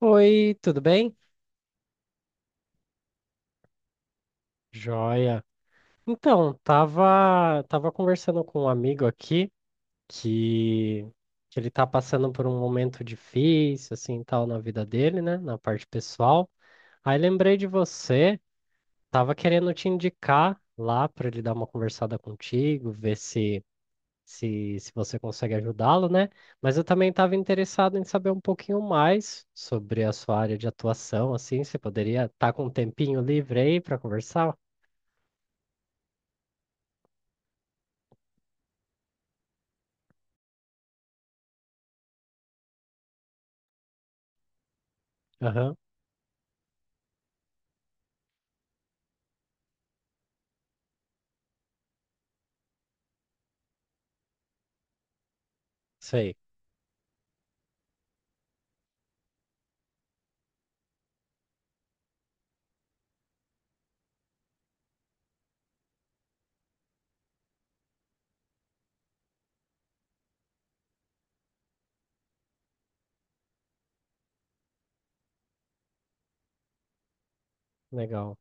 Oi, tudo bem? Joia. Então, tava conversando com um amigo aqui que, que ele tá passando por um momento difícil, assim, tal, na vida dele, né? Na parte pessoal. Aí lembrei de você, tava querendo te indicar lá para ele dar uma conversada contigo, ver se você consegue ajudá-lo, né? Mas eu também estava interessado em saber um pouquinho mais sobre a sua área de atuação, assim, você poderia estar com um tempinho livre aí para conversar? Aham, sei. Legal.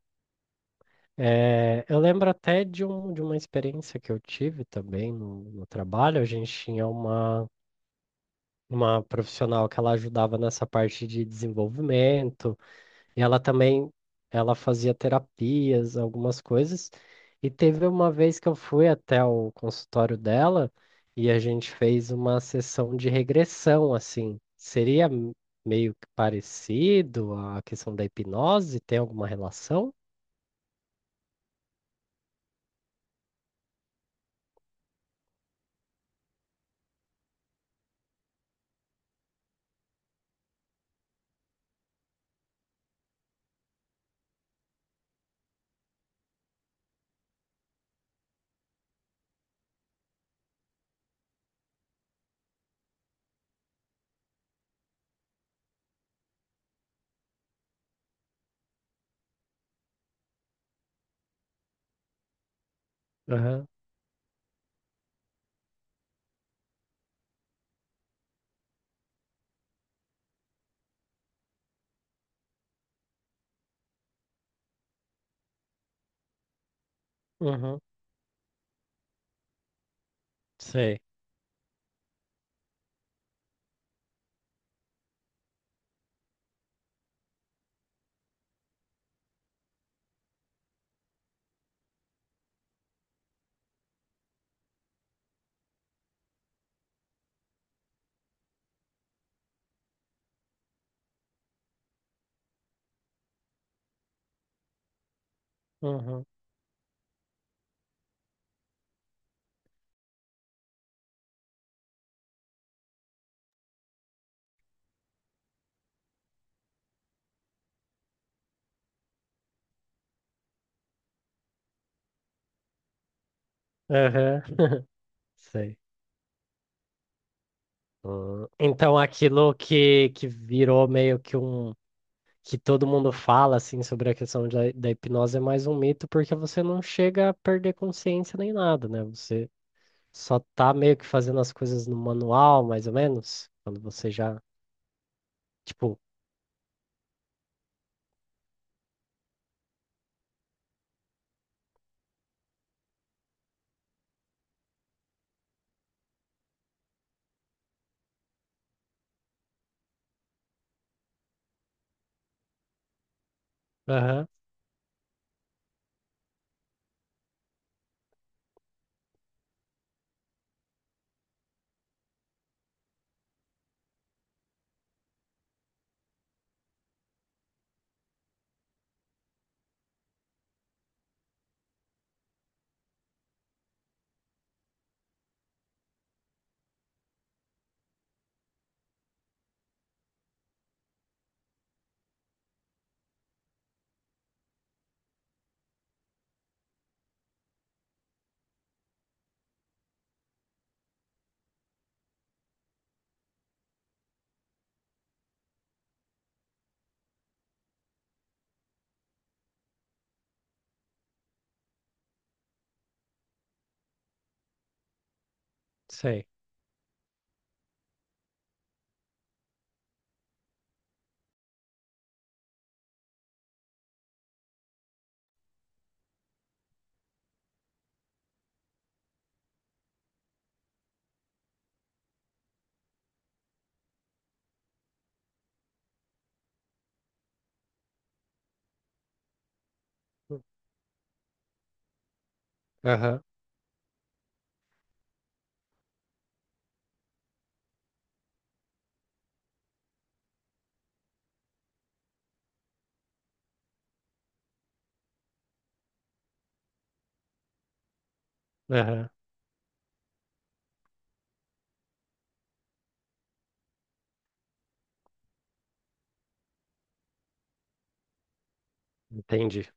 É, eu lembro até de uma experiência que eu tive também no trabalho. A gente tinha uma profissional que ela ajudava nessa parte de desenvolvimento, e ela também ela fazia terapias, algumas coisas. E teve uma vez que eu fui até o consultório dela e a gente fez uma sessão de regressão, assim. Seria meio que parecido a questão da hipnose? Tem alguma relação? Aham, uhum, sei. Uhum, aham, sei. Então, aquilo que virou meio que um. Que todo mundo fala, assim, sobre a questão da hipnose é mais um mito, porque você não chega a perder consciência nem nada, né? Você só tá meio que fazendo as coisas no manual, mais ou menos, quando você já. Tipo, aham, sei. Aham, aham, entendi.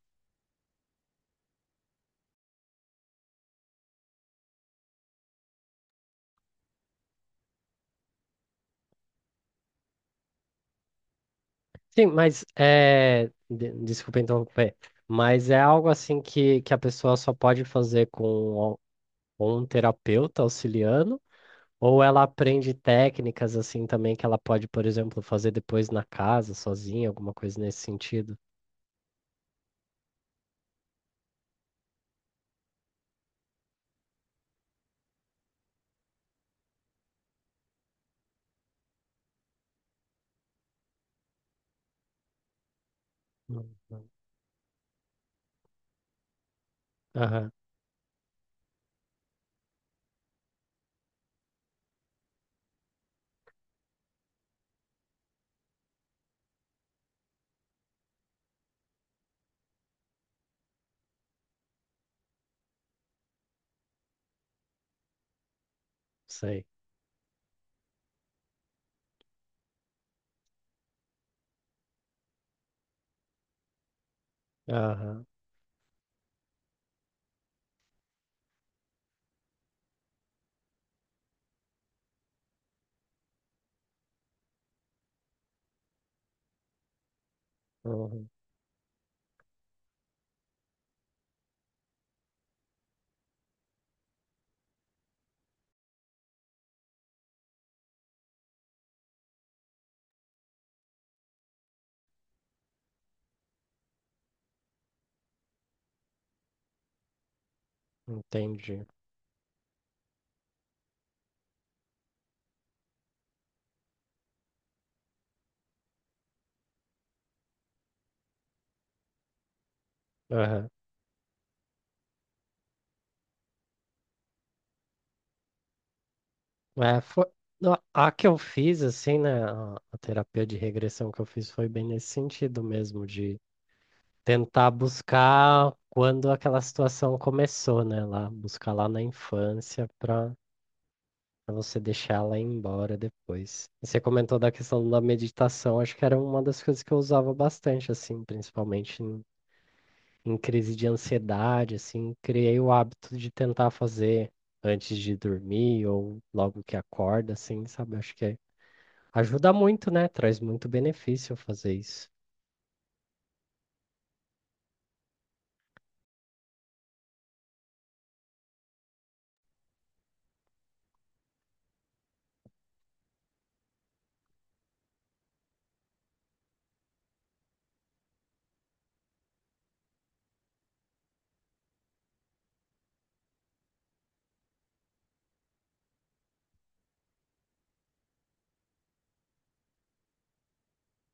Sim, mas é. Desculpa interromper. Mas é algo assim que a pessoa só pode fazer com o- um terapeuta auxiliando, ou ela aprende técnicas assim também que ela pode, por exemplo, fazer depois na casa, sozinha, alguma coisa nesse sentido? Uhum. Aham, sei. Aham, uhum, entendi. Aham. É, foi... A que eu fiz, assim, né? A terapia de regressão que eu fiz foi bem nesse sentido mesmo, de. Tentar buscar quando aquela situação começou, né? Lá, buscar lá na infância para você deixar ela ir embora depois. E você comentou da questão da meditação, acho que era uma das coisas que eu usava bastante, assim, principalmente em crise de ansiedade, assim, criei o hábito de tentar fazer antes de dormir ou logo que acorda, assim, sabe? Acho que ajuda muito, né? Traz muito benefício fazer isso.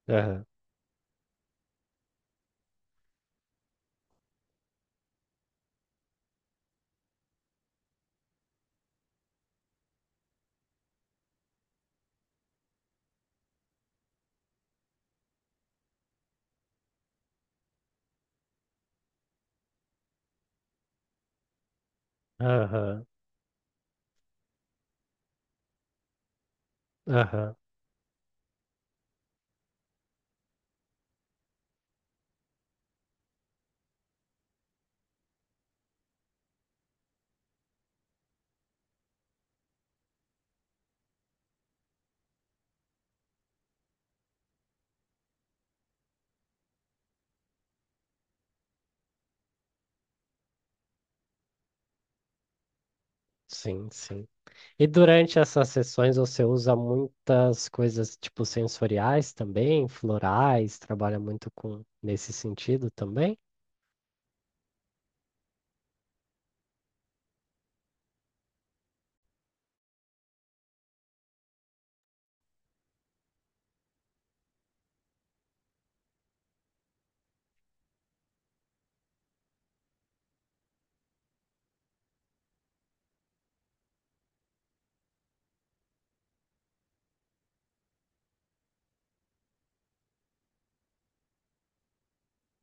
Aham, aham, aham. Sim, sim. E durante essas sessões você usa muitas coisas tipo sensoriais também, florais, trabalha muito com nesse sentido também?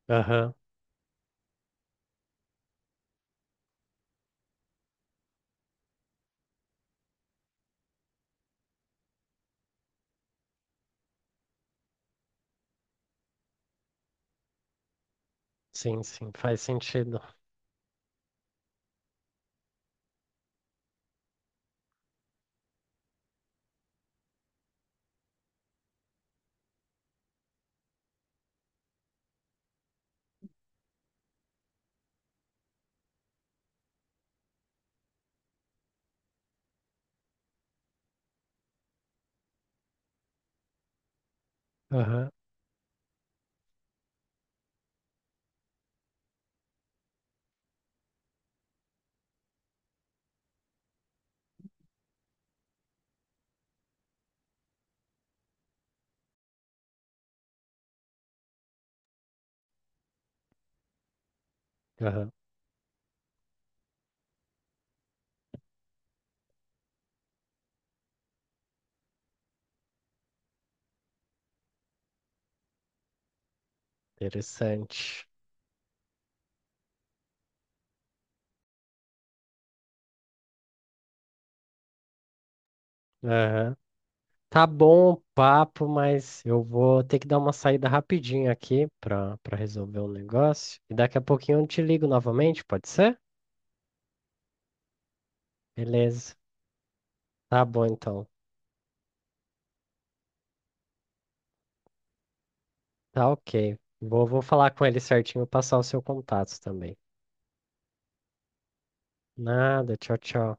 Aham, sim, sim, faz sentido. Aham, aham, interessante. Aham. Tá bom o papo, mas eu vou ter que dar uma saída rapidinho aqui para resolver um negócio. E daqui a pouquinho eu te ligo novamente, pode ser? Beleza. Tá bom então. Tá ok. Vou falar com ele certinho, passar o seu contato também. Nada, tchau, tchau.